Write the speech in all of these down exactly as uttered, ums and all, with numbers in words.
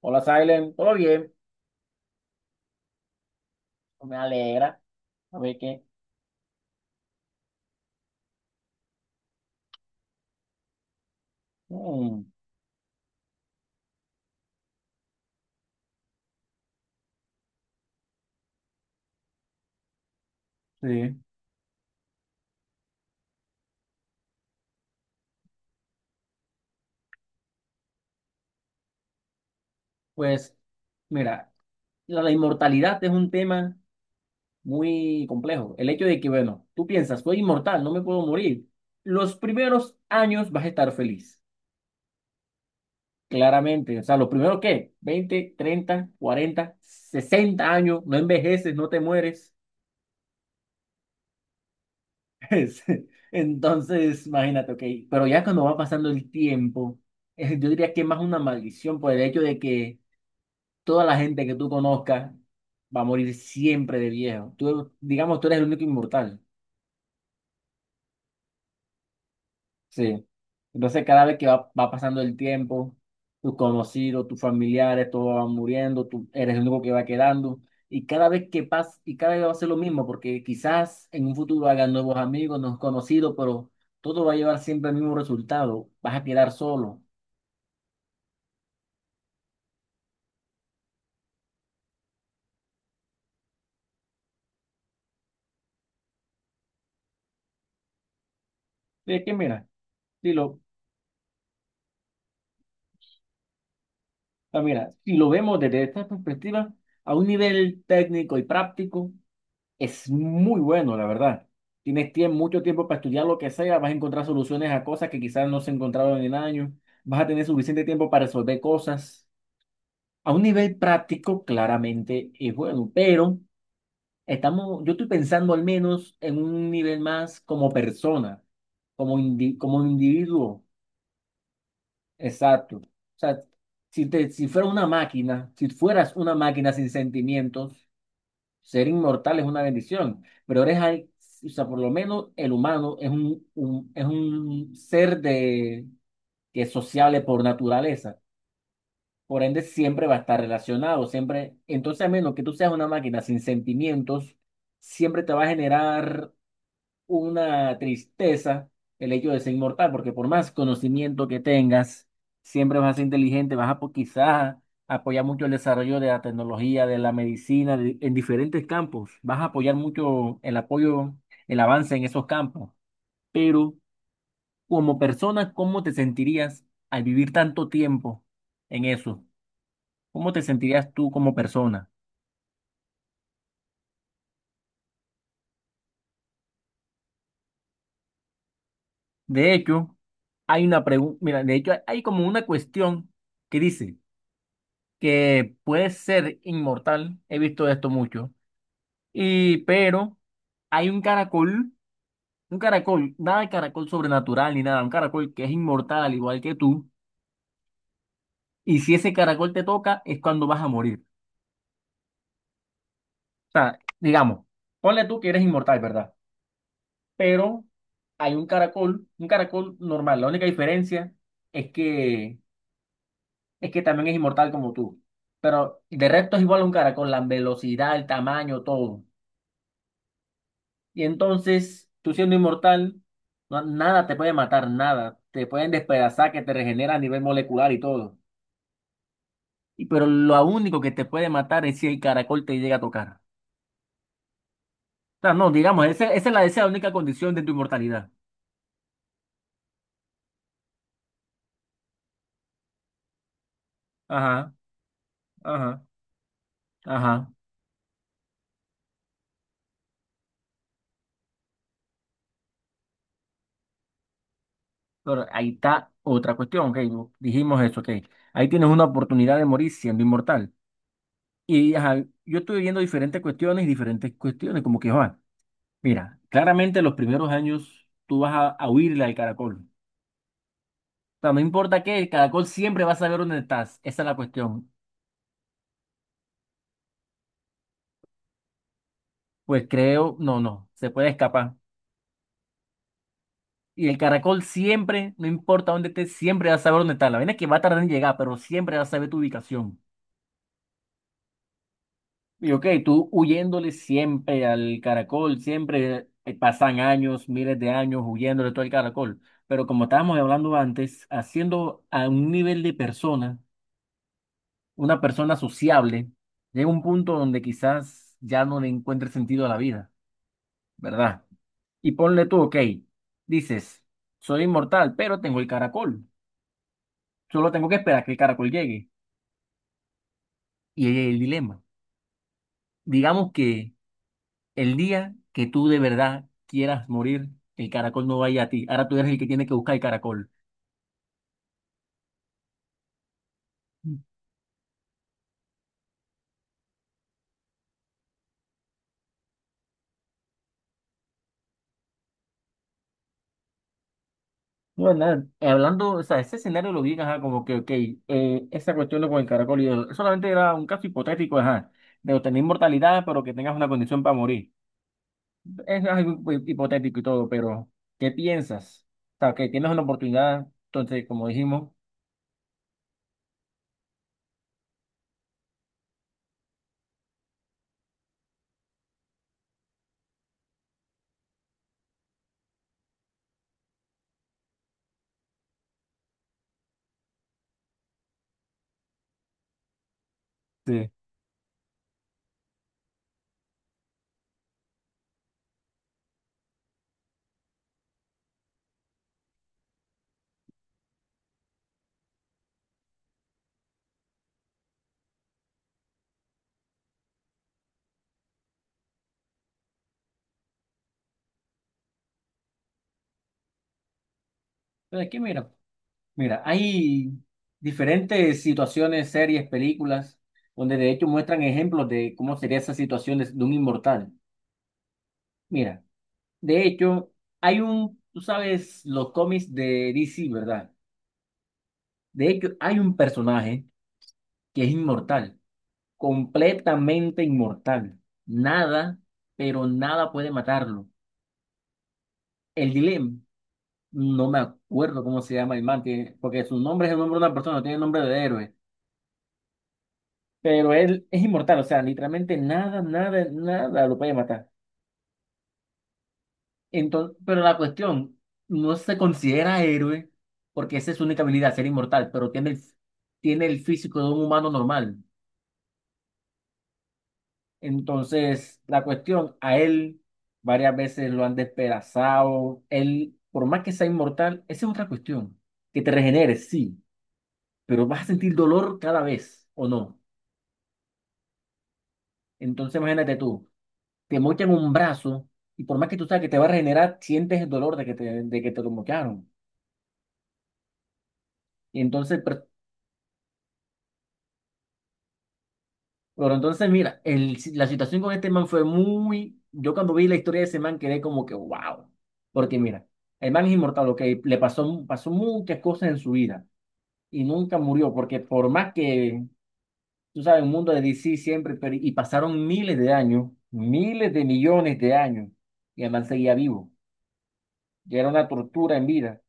Hola, Silent. ¿Todo bien? Pues me alegra. A ver qué. Mm, sí. Pues, mira, la, la inmortalidad es un tema muy complejo. El hecho de que, bueno, tú piensas, soy inmortal, no me puedo morir. Los primeros años vas a estar feliz, claramente. O sea, los primeros, ¿qué? Veinte, treinta, cuarenta, sesenta años, no envejeces, no te mueres. Es- Entonces, imagínate, ok. Pero ya cuando va pasando el tiempo, eh, yo diría que es más una maldición por el hecho de que toda la gente que tú conozcas va a morir siempre de viejo. Tú, digamos, tú eres el único inmortal. Sí. Entonces, cada vez que va, va pasando el tiempo, tus conocidos, tus familiares, todos van muriendo, tú eres el único que va quedando. Y cada vez que pasa, y cada vez va a ser lo mismo, porque quizás en un futuro hagan nuevos amigos, nuevos conocidos, pero todo va a llevar siempre el mismo resultado. Vas a quedar solo. Sí, es que mira, si lo, ah, mira, si lo vemos desde esta perspectiva, a un nivel técnico y práctico, es muy bueno, la verdad. Tienes tiempo, mucho tiempo para estudiar lo que sea, vas a encontrar soluciones a cosas que quizás no se encontraron en años, vas a tener suficiente tiempo para resolver cosas. A un nivel práctico, claramente es bueno, pero estamos, yo estoy pensando al menos en un nivel más como persona, como, indi- como individuo. Exacto. O sea, si te, si fuera una máquina, si fueras una máquina sin sentimientos, ser inmortal es una bendición, pero eres, al- o sea, por lo menos el humano es un, un- es un ser de, que es sociable por naturaleza. Por ende, siempre va a estar relacionado, siempre. Entonces, a menos que tú seas una máquina sin sentimientos, siempre te va a generar una tristeza el hecho de ser inmortal, porque por más conocimiento que tengas, siempre vas a ser inteligente, vas a po- quizás apoyar mucho el desarrollo de la tecnología, de la medicina, de- en diferentes campos, vas a apoyar mucho el apoyo, el avance en esos campos, pero como persona, ¿cómo te sentirías al vivir tanto tiempo en eso? ¿Cómo te sentirías tú como persona? De hecho, hay una pregunta, mira, de hecho hay hay como una cuestión que dice, que puede ser inmortal, he visto esto mucho, y pero hay un caracol, un caracol, nada de caracol sobrenatural ni nada, un caracol que es inmortal al igual que tú, y si ese caracol te toca es cuando vas a morir. O sea, digamos, ponle tú que eres inmortal, ¿verdad? Pero hay un caracol, un caracol normal, la única diferencia es que es que también es inmortal como tú, pero de resto es igual a un caracol, la velocidad, el tamaño, todo. Y entonces, tú siendo inmortal, no- nada te puede matar, nada. Te pueden despedazar, que te regenera a nivel molecular y todo. Y, pero lo único que te puede matar es si el caracol te llega a tocar. O sea, no, digamos, esa, esa es la, esa es la única condición de tu inmortalidad. Ajá, ajá, ajá. Pero ahí está otra cuestión, ok. Dijimos eso, ok. Ahí tienes una oportunidad de morir siendo inmortal. Y ajá, yo estuve viendo diferentes cuestiones y diferentes cuestiones, como que, Juan, mira, claramente los primeros años tú vas a, a huirle al caracol. O sea, no importa qué, el caracol siempre va a saber dónde estás. Esa es la cuestión. Pues creo, no, no, se puede escapar. Y el caracol siempre, no importa dónde estés, siempre va a saber dónde estás. La vaina es que va a tardar en llegar, pero siempre va a saber tu ubicación. Y ok, tú huyéndole siempre al caracol, siempre eh, pasan años, miles de años huyéndole todo el caracol. Pero como estábamos hablando antes, haciendo a un nivel de persona, una persona sociable, llega un punto donde quizás ya no le encuentre sentido a la vida, ¿verdad? Y ponle tú, ok, dices, soy inmortal, pero tengo el caracol. Solo tengo que esperar que el caracol llegue. Y ahí hay el dilema. Digamos que el día que tú de verdad quieras morir, el caracol no vaya a ti. Ahora tú eres el que tiene que buscar el caracol. No, nada, hablando, o sea, ese escenario lo vi, ajá, como que, ok, eh, esa cuestión de con el caracol y eso, solamente era un caso hipotético, ajá, de obtener inmortalidad, pero que tengas una condición para morir. Es algo hi- hipotético y todo, pero ¿qué piensas? O sea, que tienes una oportunidad, entonces, como dijimos, sí. Pero es que mira, mira, hay diferentes situaciones, series, películas, donde de hecho muestran ejemplos de cómo sería esa situación de, de un inmortal. Mira, de hecho, hay un, tú sabes, los cómics de D C, ¿verdad? De hecho, hay un personaje que es inmortal, completamente inmortal. Nada, pero nada puede matarlo. El dilema. No me acuerdo cómo se llama el man, que, porque su nombre es el nombre de una persona, no tiene nombre de héroe. Pero él es inmortal, o sea, literalmente nada, nada, nada lo puede matar. Entonces, pero la cuestión, no se considera héroe porque esa es su única habilidad, ser inmortal, pero tiene el, tiene el físico de un humano normal. Entonces, la cuestión, a él varias veces lo han despedazado. Él, por más que sea inmortal, esa es otra cuestión. Que te regeneres, sí, pero vas a sentir dolor cada vez, ¿o no? Entonces, imagínate tú, te mochan un brazo y por más que tú sabes que te va a regenerar, sientes el dolor de que te, de que te lo mocharon. Y entonces, pero, pero entonces, mira, el, la situación con este man fue muy. Yo cuando vi la historia de ese man quedé como que, wow. Porque mira, el man es inmortal, ok, le pasó, pasó muchas cosas en su vida y nunca murió, porque por más que, tú sabes, el mundo de D C siempre, pero- y pasaron miles de años, miles de millones de años, y el man seguía vivo. Ya era una tortura en vida.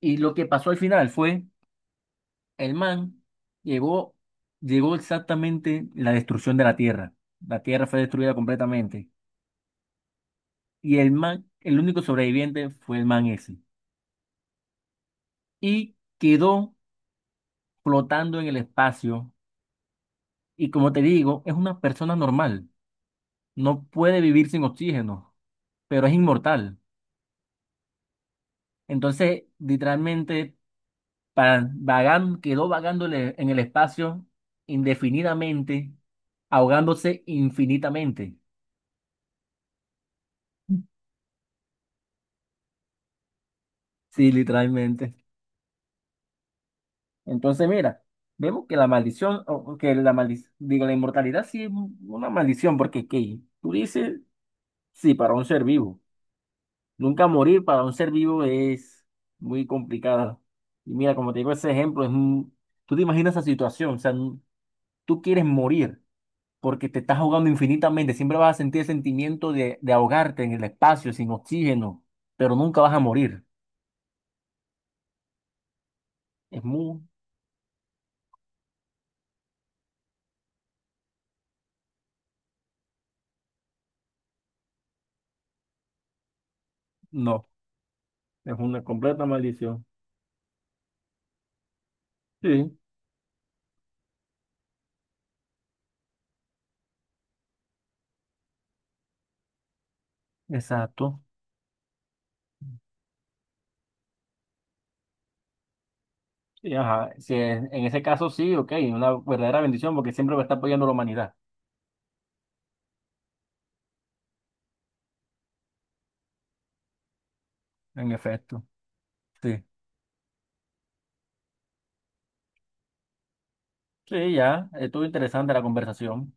Y lo que pasó al final fue, el man llegó, llegó exactamente la destrucción de la Tierra. La Tierra fue destruida completamente. Y el man, el único sobreviviente fue el man ese. Y quedó flotando en el espacio. Y como te digo, es una persona normal. No puede vivir sin oxígeno, pero es inmortal. Entonces, literalmente, para, vagan- quedó vagando en el en el espacio indefinidamente, ahogándose infinitamente. Sí, literalmente. Entonces, mira, vemos que la maldición, o o que la maldición, digo, la inmortalidad sí es una maldición, porque ¿qué? Tú dices, sí, para un ser vivo. Nunca morir para un ser vivo es muy complicado. Y mira, como te digo, ese ejemplo es un- tú te imaginas esa situación, o sea, n- tú quieres morir porque te estás ahogando infinitamente, siempre vas a sentir el sentimiento de, de ahogarte en el espacio, sin oxígeno, pero nunca vas a morir. Es muy, no, es una completa maldición. Sí. Exacto. Sí, ajá. Si es- En ese caso sí, ok, una verdadera bendición porque siempre va a estar apoyando a la humanidad. En efecto. Sí. Sí, ya. Estuvo interesante la conversación.